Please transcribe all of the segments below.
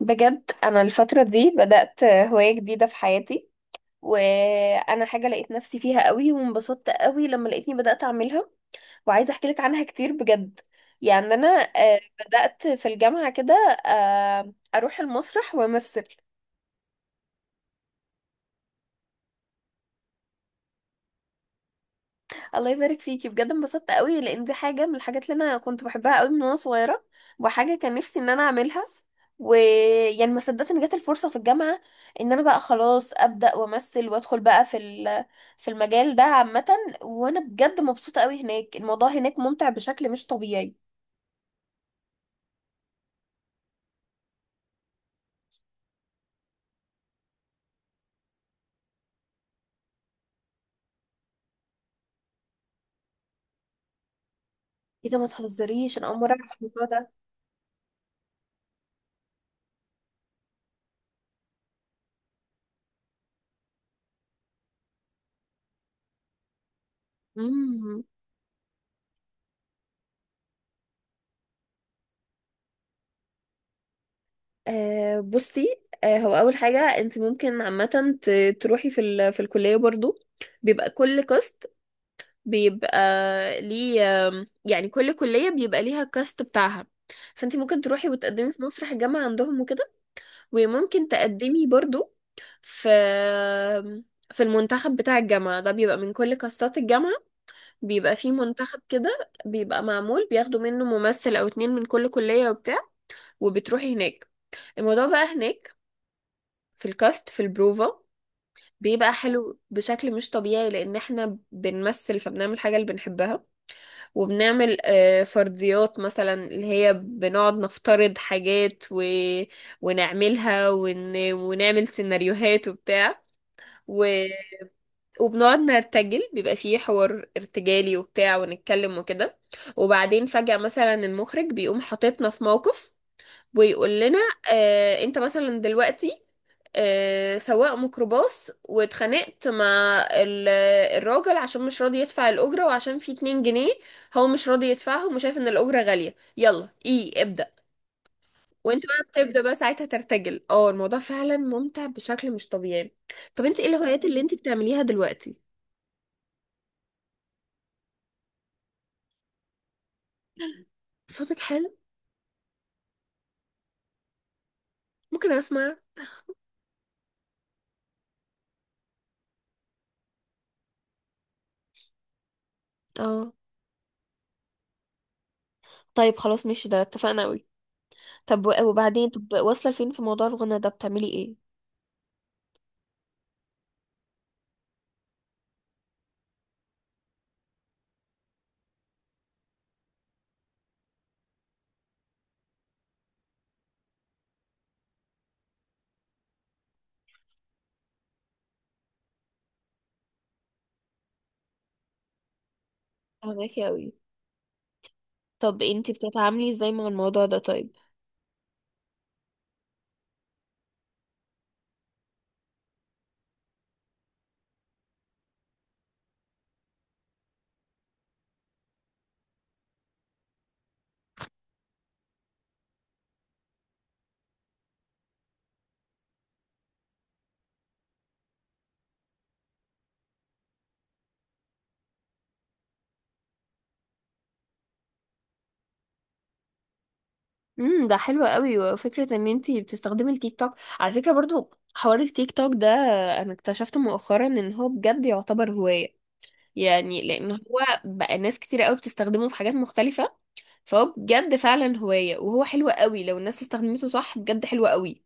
بجد انا الفتره دي بدات هوايه جديده في حياتي. وانا حاجه لقيت نفسي فيها قوي وانبسطت قوي لما لقيتني بدات اعملها. وعايزه احكي لك عنها كتير بجد. يعني انا، آه، بدات في الجامعه كده. اروح المسرح وامثل. الله يبارك فيكي بجد، انبسطت قوي لان دي حاجه من الحاجات اللي انا كنت بحبها قوي من وانا صغيره. وحاجه كان نفسي ان انا اعملها. ويعني ما صدقت ان جت الفرصه في الجامعه، ان انا بقى خلاص ابدا وامثل وادخل بقى في في المجال ده عامه. وانا بجد مبسوطه قوي هناك، الموضوع هناك ممتع بشكل مش طبيعي. ايه ده، ما تهزريش، انا اول مره اعرف الموضوع ده. امم. بصي، هو اول حاجه انت ممكن عامه تروحي في في الكليه برضو. بيبقى كل كاست، بيبقى ليه. يعني كل كلية بيبقى ليها الكاست بتاعها. فانت ممكن تروحي وتقدمي في مسرح الجامعة عندهم وكده. وممكن تقدمي برضو في المنتخب بتاع الجامعة. ده بيبقى من كل كاستات الجامعة، بيبقى فيه منتخب كده بيبقى معمول، بياخدوا منه ممثل أو اتنين من كل كلية وبتاع. وبتروحي هناك، الموضوع بقى هناك في الكاست في البروفا بيبقى حلو بشكل مش طبيعي، لأن احنا بنمثل فبنعمل حاجة اللي بنحبها. وبنعمل فرضيات مثلا، اللي هي بنقعد نفترض حاجات ونعملها، ونعمل سيناريوهات وبتاع، و... وبنقعد نرتجل، بيبقى فيه حوار ارتجالي وبتاع ونتكلم وكده. وبعدين فجأة مثلا المخرج بيقوم حاططنا في موقف ويقول لنا: انت مثلا دلوقتي سواق ميكروباص، واتخانقت مع الراجل عشان مش راضي يدفع الأجرة، وعشان في 2 جنيه هو مش راضي يدفعهم وشايف ان الأجرة غالية، يلا ايه ابدأ. وانت بقى بتبدأ بقى ساعتها ترتجل. اه، الموضوع فعلا ممتع بشكل مش طبيعي. طب، انت ايه الهوايات اللي انت بتعمليها دلوقتي؟ صوتك حلو، ممكن اسمع؟ اه، طيب خلاص ماشي، ده اتفقنا قوي. طب وبعدين، طب واصلة لفين في موضوع الغنى ده، بتعملي ايه؟ فهماكي قوي. طب انتي بتتعاملي ازاي مع الموضوع ده طيب؟ امم، ده حلو قوي، وفكرة ان انتي بتستخدمي التيك توك. على فكرة برضو، حوار التيك توك ده انا اكتشفت مؤخرا ان هو بجد يعتبر هواية. يعني لان هو بقى ناس كتير قوي بتستخدمه في حاجات مختلفة. فهو بجد فعلا هواية، وهو حلو قوي لو الناس استخدمته صح، بجد حلو قوي.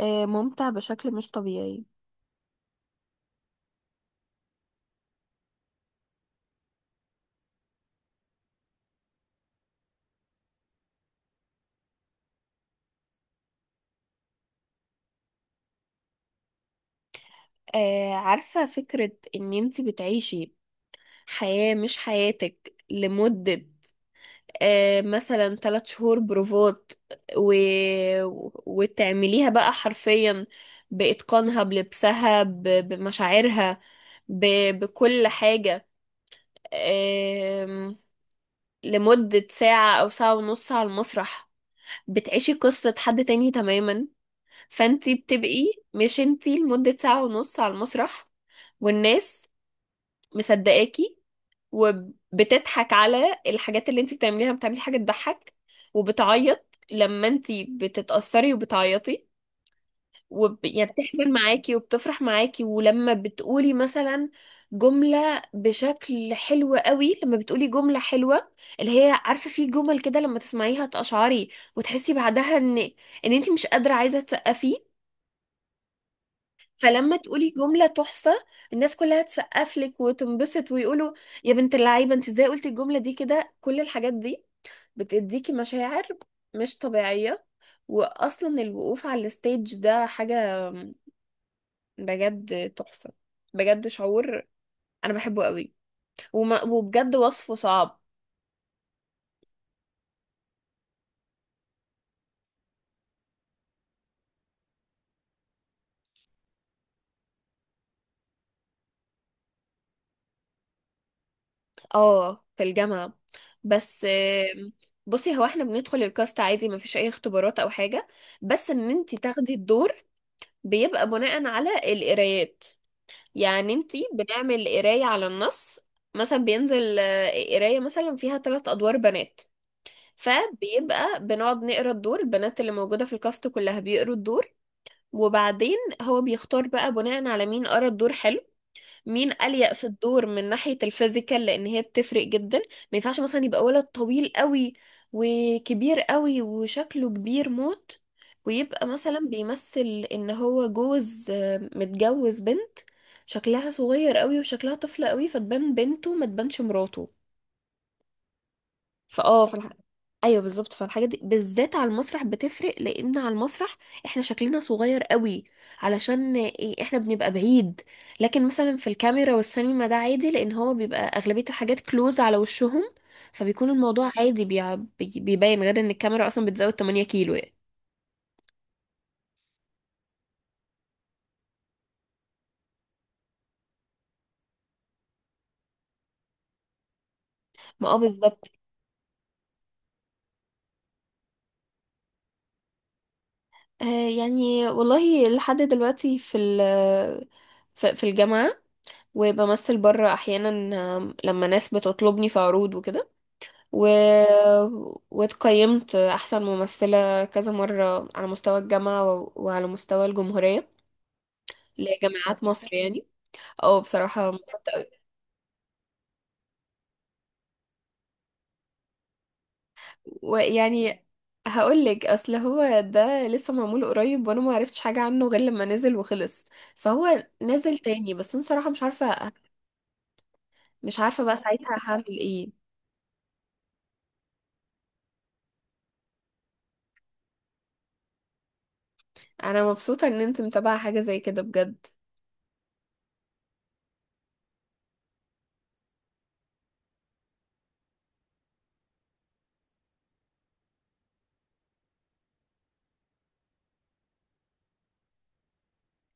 ممتع بشكل مش طبيعي. عارفة، فكرة ان انتي بتعيشي حياة مش حياتك لمدة مثلا 3 شهور بروفات، و... وتعمليها بقى حرفيا، بإتقانها، بلبسها، بمشاعرها، ب... بكل حاجة، آم، لمدة ساعة أو ساعة ونص على المسرح. بتعيشي قصة حد تاني تماما، فانتي بتبقي مش انتي لمدة ساعة ونص على المسرح، والناس مصدقاكي. وبتضحك على الحاجات اللي انت بتعمليها، بتعملي حاجة تضحك، وبتعيط لما انت بتتأثري وبتعيطي، يعني بتحزن معاكي وبتفرح معاكي. ولما بتقولي مثلا جملة بشكل حلو قوي، لما بتقولي جملة حلوة، اللي هي عارفة، في جمل كده لما تسمعيها تقشعري وتحسي بعدها ان انت مش قادرة، عايزة تسقفي. فلما تقولي جملة تحفة، الناس كلها تسقف لك وتنبسط ويقولوا: يا بنت اللعيبة، انت ازاي قلتي الجملة دي كده. كل الحاجات دي بتديكي مشاعر مش طبيعية. وأصلا الوقوف على الستيج ده حاجة بجد تحفة، بجد شعور أنا بحبه قوي، وما وبجد وصفه صعب. اه، في الجامعة. بس بصي هو احنا بندخل الكاست عادي، مفيش أي اختبارات أو حاجة، بس إن انتي تاخدي الدور بيبقى بناء على القرايات. يعني انتي بنعمل قراية على النص، مثلا بينزل قراية مثلا فيها 3 أدوار بنات، فبيبقى بنقعد نقرا الدور، البنات اللي موجودة في الكاست كلها بيقروا الدور. وبعدين هو بيختار بقى بناء على مين قرا الدور حلو، مين أليق في الدور من ناحية الفيزيكال، لأن هي بتفرق جدا. ما ينفعش مثلا يبقى ولد طويل قوي وكبير قوي وشكله كبير موت، ويبقى مثلا بيمثل إن هو جوز متجوز بنت شكلها صغير قوي وشكلها طفلة قوي، فتبان بنته ما تبانش مراته. فاه فالح... ايوه بالظبط، فالحاجات دي بالذات على المسرح بتفرق لان على المسرح احنا شكلنا صغير قوي، علشان إيه؟ احنا بنبقى بعيد. لكن مثلا في الكاميرا والسينما ده عادي، لان هو بيبقى اغلبية الحاجات كلوز على وشهم، فبيكون الموضوع عادي، بيبين غير ان الكاميرا اصلا بتزود 8 كيلو يعني. ما اه بالظبط. آه يعني والله لحد دلوقتي في ال في في الجامعة، وبمثل بره احيانا لما ناس بتطلبني في عروض وكده، و... واتقيمت أحسن ممثلة كذا مرة على مستوى الجامعة وعلى مستوى الجمهورية، لجامعات مصر يعني. أو بصراحة انبسطت أوي. ويعني هقول لك، اصل هو ده لسه معمول قريب وانا ما عرفتش حاجه عنه غير لما نزل وخلص. فهو نزل تاني بس انا صراحه مش عارفه. مش عارفه بقى ساعتها هعمل ايه. انا مبسوطه ان انت متابعه حاجه زي كده بجد.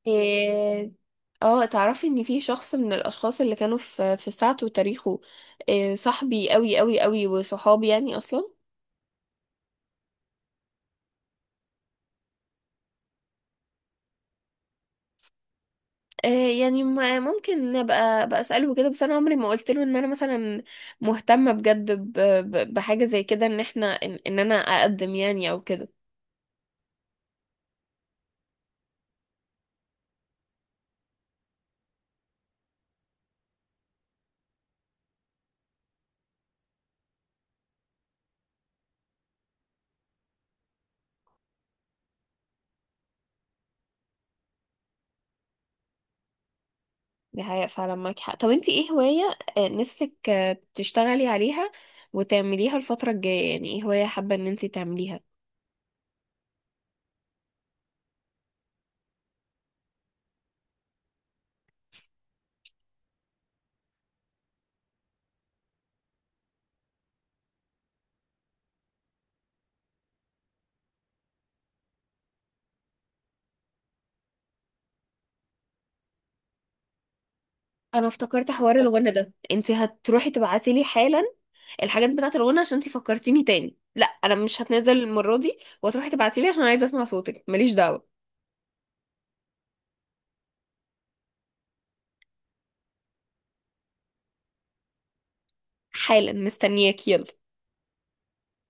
إيه، اه، تعرفي ان في شخص من الاشخاص اللي كانوا في ساعته وتاريخه، إيه صاحبي قوي قوي قوي، وصحابي يعني اصلا. إيه يعني ممكن ابقى بقى اساله كده، بس انا عمري ما قلت له ان انا مثلا مهتمه بجد بحاجه زي كده، إن انا اقدم يعني او كده. دي حقيقة فعلا، معاكي حق. طب انتي ايه هواية نفسك تشتغلي عليها وتعمليها الفترة الجاية؟ يعني ايه هواية حابة ان انتي تعمليها؟ انا افتكرت حوار الغنى ده، انت هتروحي تبعتي لي حالا الحاجات بتاعه الغنى عشان انت فكرتيني تاني. لا، انا مش هتنزل المره دي، وهتروحي تبعتي لي عشان عايزه اسمع صوتك، ماليش دعوه. حالا مستنياك، يلا.